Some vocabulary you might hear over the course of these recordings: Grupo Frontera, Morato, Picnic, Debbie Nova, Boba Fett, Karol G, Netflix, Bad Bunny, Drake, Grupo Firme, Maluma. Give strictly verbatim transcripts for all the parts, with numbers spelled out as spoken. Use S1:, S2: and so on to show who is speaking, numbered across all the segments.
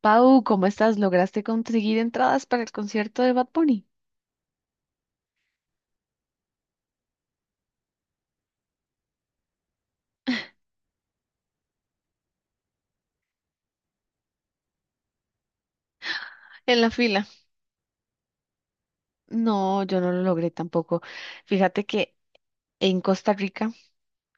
S1: Pau, ¿cómo estás? ¿Lograste conseguir entradas para el concierto de Bad Bunny? En la fila. No, yo no lo logré tampoco. Fíjate que en Costa Rica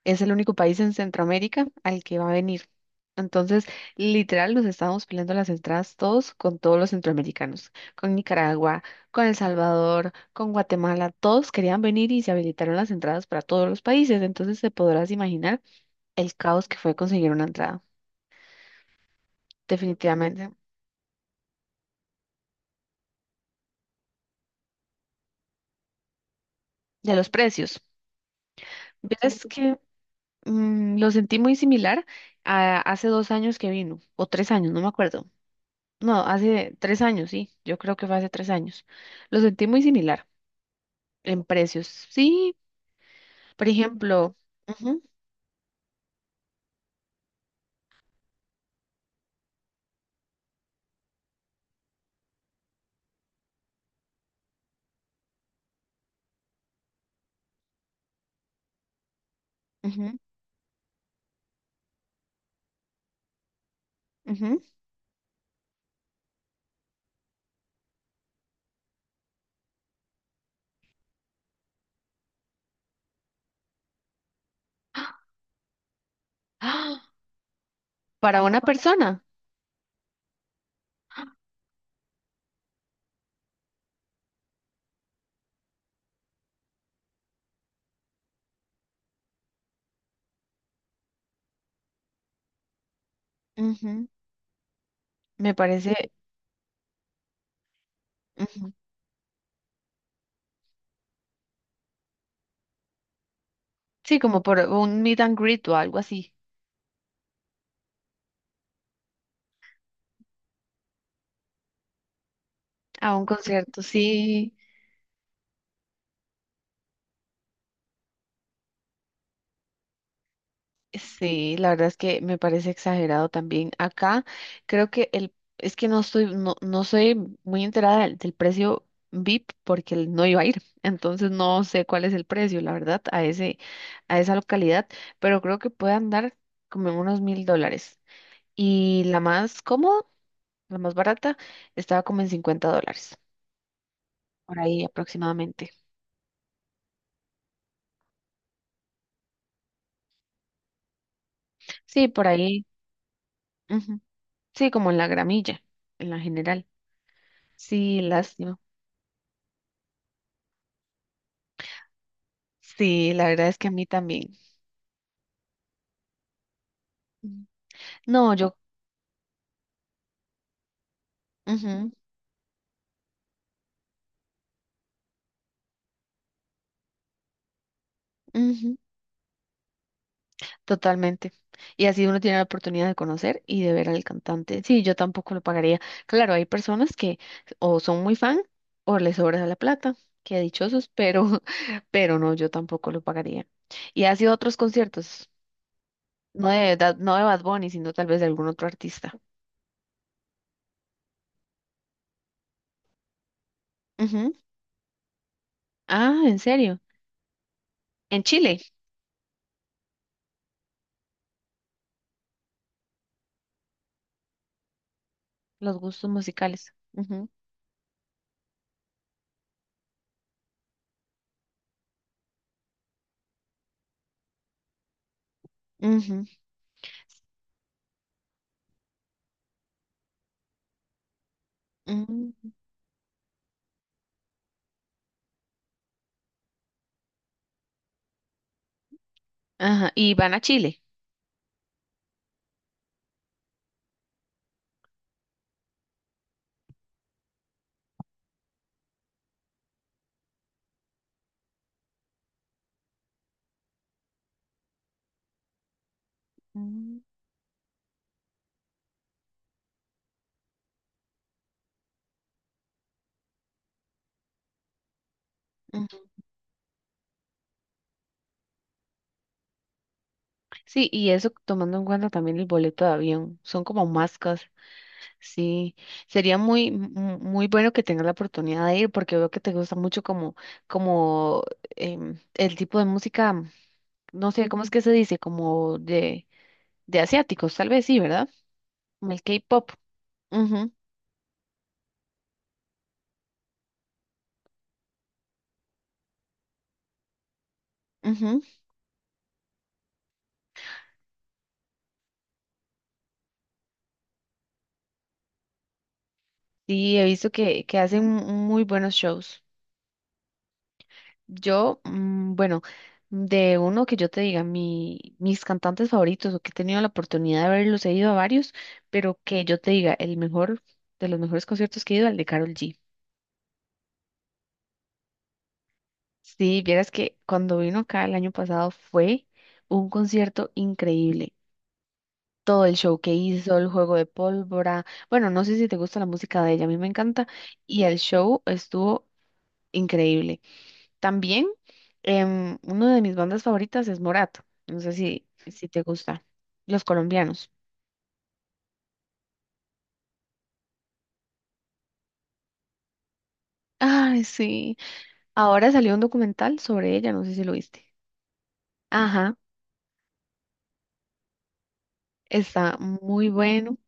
S1: es el único país en Centroamérica al que va a venir. Entonces, literal, nos estábamos peleando las entradas todos con todos los centroamericanos, con Nicaragua, con El Salvador, con Guatemala. Todos querían venir y se habilitaron las entradas para todos los países. Entonces, te podrás imaginar el caos que fue conseguir una entrada, definitivamente, de los precios. Verás que mm, lo sentí muy similar a hace dos años que vino, o tres años, no me acuerdo. No, hace tres años, sí, yo creo que fue hace tres años. Lo sentí muy similar en precios. Sí, por ejemplo. Ujú. Ujú. Ujú. ¡Ah! Para una persona. Ujú. Me parece. Ujú. Sí, como por un meet and greet o algo así, a un concierto, sí. Sí, la verdad es que me parece exagerado también. Acá creo que el, es que no estoy, no, no soy muy enterada del, del precio V I P porque el- no iba a ir. Entonces no sé cuál es el precio, la verdad, a ese, a esa localidad, pero creo que puede andar como en unos mil dólares. Y la más cómoda, la más barata, estaba como en cincuenta dólares, por ahí aproximadamente. Sí, por ahí. Ujú. Sí, como en la gramilla, en la general. Sí, lástima. Sí, la verdad es que a mí también. Mm. No, yo, ujú, ujú, totalmente. Y así uno tiene la oportunidad de conocer y de ver al cantante. Sí, yo tampoco lo pagaría. Claro, hay personas que o son muy fan o les sobra la plata, qué dichosos, pero, pero no, yo tampoco lo pagaría. Y ha sido otros conciertos, no de, Da- no de Bad Bunny, sino tal vez de algún otro artista. Ujú. Ah, ¿en serio? En Chile, los gustos musicales. Ujú, ujú, ujú. Ajá, y van a Chile. Mm, mm. Sí, y eso tomando en cuenta también el boleto de avión, son como máscas, sí, sería muy, mu- muy bueno que tengas la oportunidad de ir porque veo que te gusta mucho como, como em, el tipo de música, no sé, ¿cómo es que se dice? Como de, de, asiáticos, tal vez sí, ¿verdad? Como el K-pop. Ujú, ujú. Sí, he visto que, que hacen muy buenos shows. Yo, mm, bueno, de uno que yo te diga, mi, mis cantantes favoritos o que he tenido la oportunidad de verlos, he ido a varios, pero que yo te diga, el mejor de los mejores conciertos que he ido, el de Karol G. Sí, vieras que cuando vino acá el año pasado fue un concierto increíble. Todo el show que hizo, el juego de pólvora. Bueno, no sé si te gusta la música de ella, a mí me encanta. Y el show estuvo increíble. También, em, una de mis bandas favoritas es Morato. No sé si, si te gusta. Los colombianos. Ay, sí. Ahora salió un documental sobre ella, no sé si lo viste. Ajá, está muy bueno.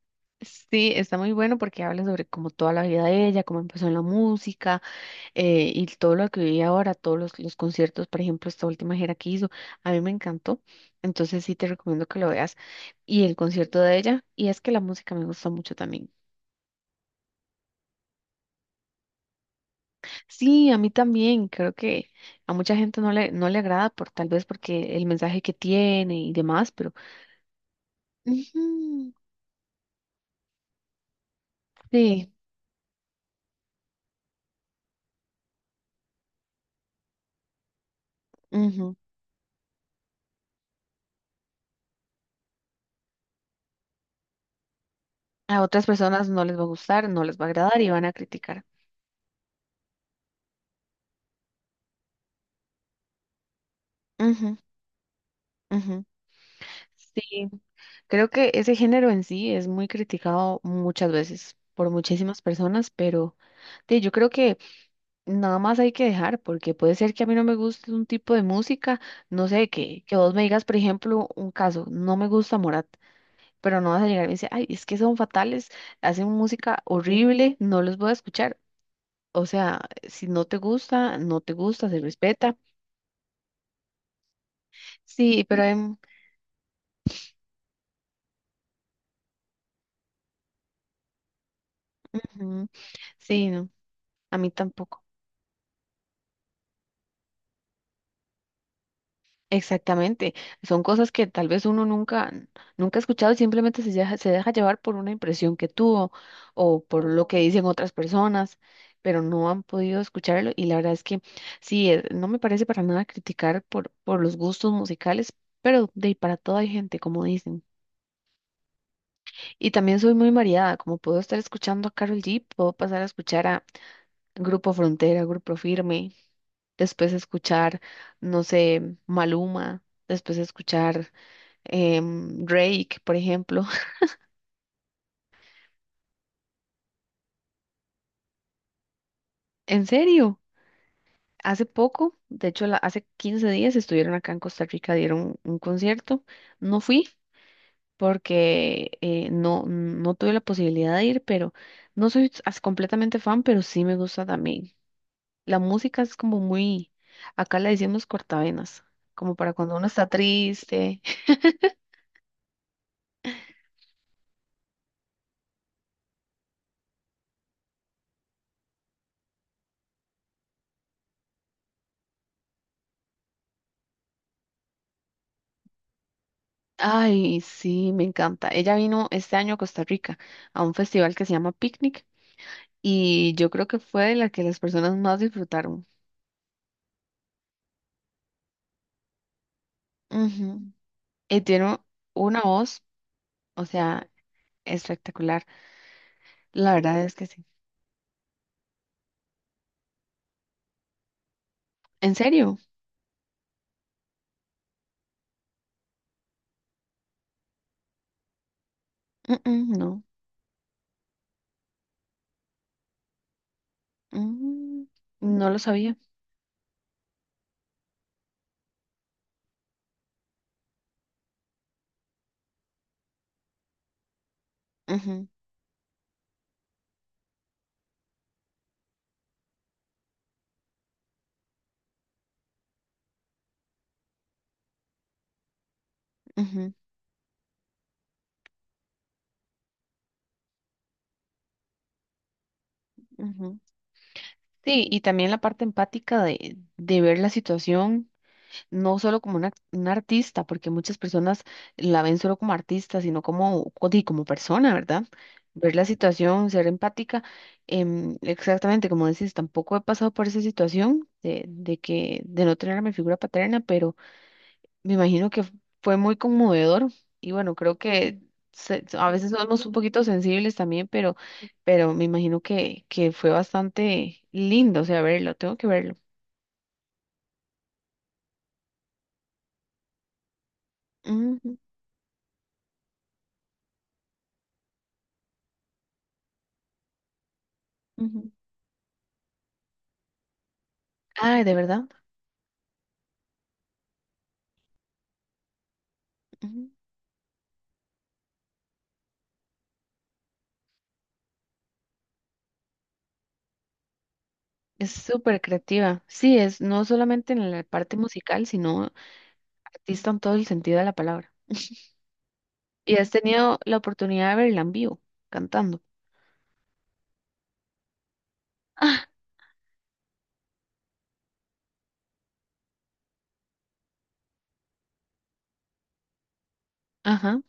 S1: Sí, está muy bueno porque habla sobre como toda la vida de ella, cómo empezó en la música eh, y todo lo que vive ahora, todos los, los conciertos, por ejemplo, esta última gira que hizo, a mí me encantó, entonces sí te recomiendo que lo veas y el concierto de ella, y es que la música me gusta mucho también. Sí, a mí también. Creo que a mucha gente no le, no le agrada por tal vez porque el mensaje que tiene y demás, pero ujú, sí, ujú. A otras personas no les va a gustar, no les va a agradar y van a criticar. Ujú, ujú. Sí, creo que ese género en sí es muy criticado muchas veces por muchísimas personas, pero sí, yo creo que nada más hay que dejar, porque puede ser que a mí no me guste un tipo de música, no sé, que, que vos me digas, por ejemplo, un caso, no me gusta Morat, pero no vas a llegar y me dice, ay, es que son fatales, hacen música horrible, no los voy a escuchar. O sea, si no te gusta, no te gusta, se respeta. Sí, pero hay- ujú, sí, no, a mí tampoco. Exactamente, son cosas que tal vez uno nunca, nunca ha escuchado y simplemente se deja, se deja llevar por una impresión que tuvo o por lo que dicen otras personas, pero no han podido escucharlo y la verdad es que sí, eh, no me parece para nada criticar por, por los gustos musicales, pero de ahí para todo hay gente, como dicen. Y también soy muy variada, como puedo estar escuchando a Karol G, puedo pasar a escuchar a Grupo Frontera, Grupo Firme, después escuchar, no sé, Maluma, después escuchar em, Drake, por ejemplo. En serio, hace poco, de hecho la- hace quince días estuvieron acá en Costa Rica, dieron un concierto. No fui porque eh, no, no tuve la posibilidad de ir, pero no soy as- completamente fan, pero sí me gusta también. La música es como muy, acá le decimos cortavenas, como para cuando uno está triste. Ay, sí, me encanta. Ella vino este año a Costa Rica a un festival que se llama Picnic y yo creo que fue la que las personas más disfrutaron. Ujú. Y tiene una voz, o sea, espectacular. La verdad es que sí. ¿En serio? Mm, mm, no. Mm, no lo sabía. Ujú, ujú, ujú. Sí, y también la parte empática de, de ver la situación no solo como una, una artista, porque muchas personas la ven solo como artista, sino como, co- di, como persona, ¿verdad? Ver la situación, ser empática. em, exactamente, como decís, tampoco he pasado por esa situación de, de que, de no tener a mi figura paterna, pero me imagino que fue muy conmovedor. Y bueno, creo que se- a veces somos un poquito sensibles también, pero, pero, me imagino que, que fue bastante lindo, o sea, verlo, tengo que verlo. Ujú, ujú. Ay, de verdad. Es súper creativa. Sí, es no solamente en la parte musical, sino artista en todo el sentido de la palabra. ¿Y has tenido la oportunidad de verla en vivo, cantando? Ah, ajá.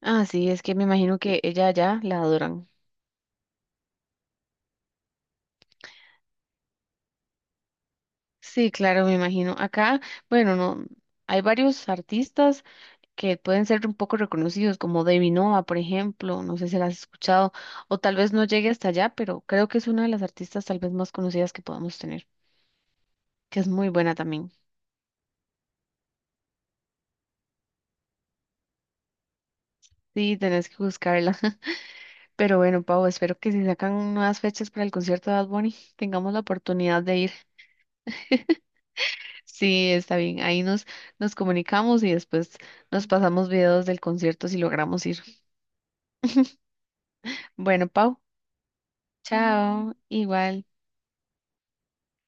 S1: Ah, sí, es que me imagino que ella ya la adoran. Sí, claro, me imagino. Acá, bueno, no, hay varios artistas que pueden ser un poco reconocidos, como Debbie Nova, por ejemplo, no sé si la has escuchado, o tal vez no llegue hasta allá, pero creo que es una de las artistas tal vez más conocidas que podamos tener, que es muy buena también. Sí, tenés que buscarla. Pero bueno, Pau, espero que si sacan nuevas fechas para el concierto de Bad Bunny, tengamos la oportunidad de ir. Sí, está bien. Ahí nos, nos, comunicamos y después nos pasamos videos del concierto si logramos ir. Bueno, Pau, chao. Igual.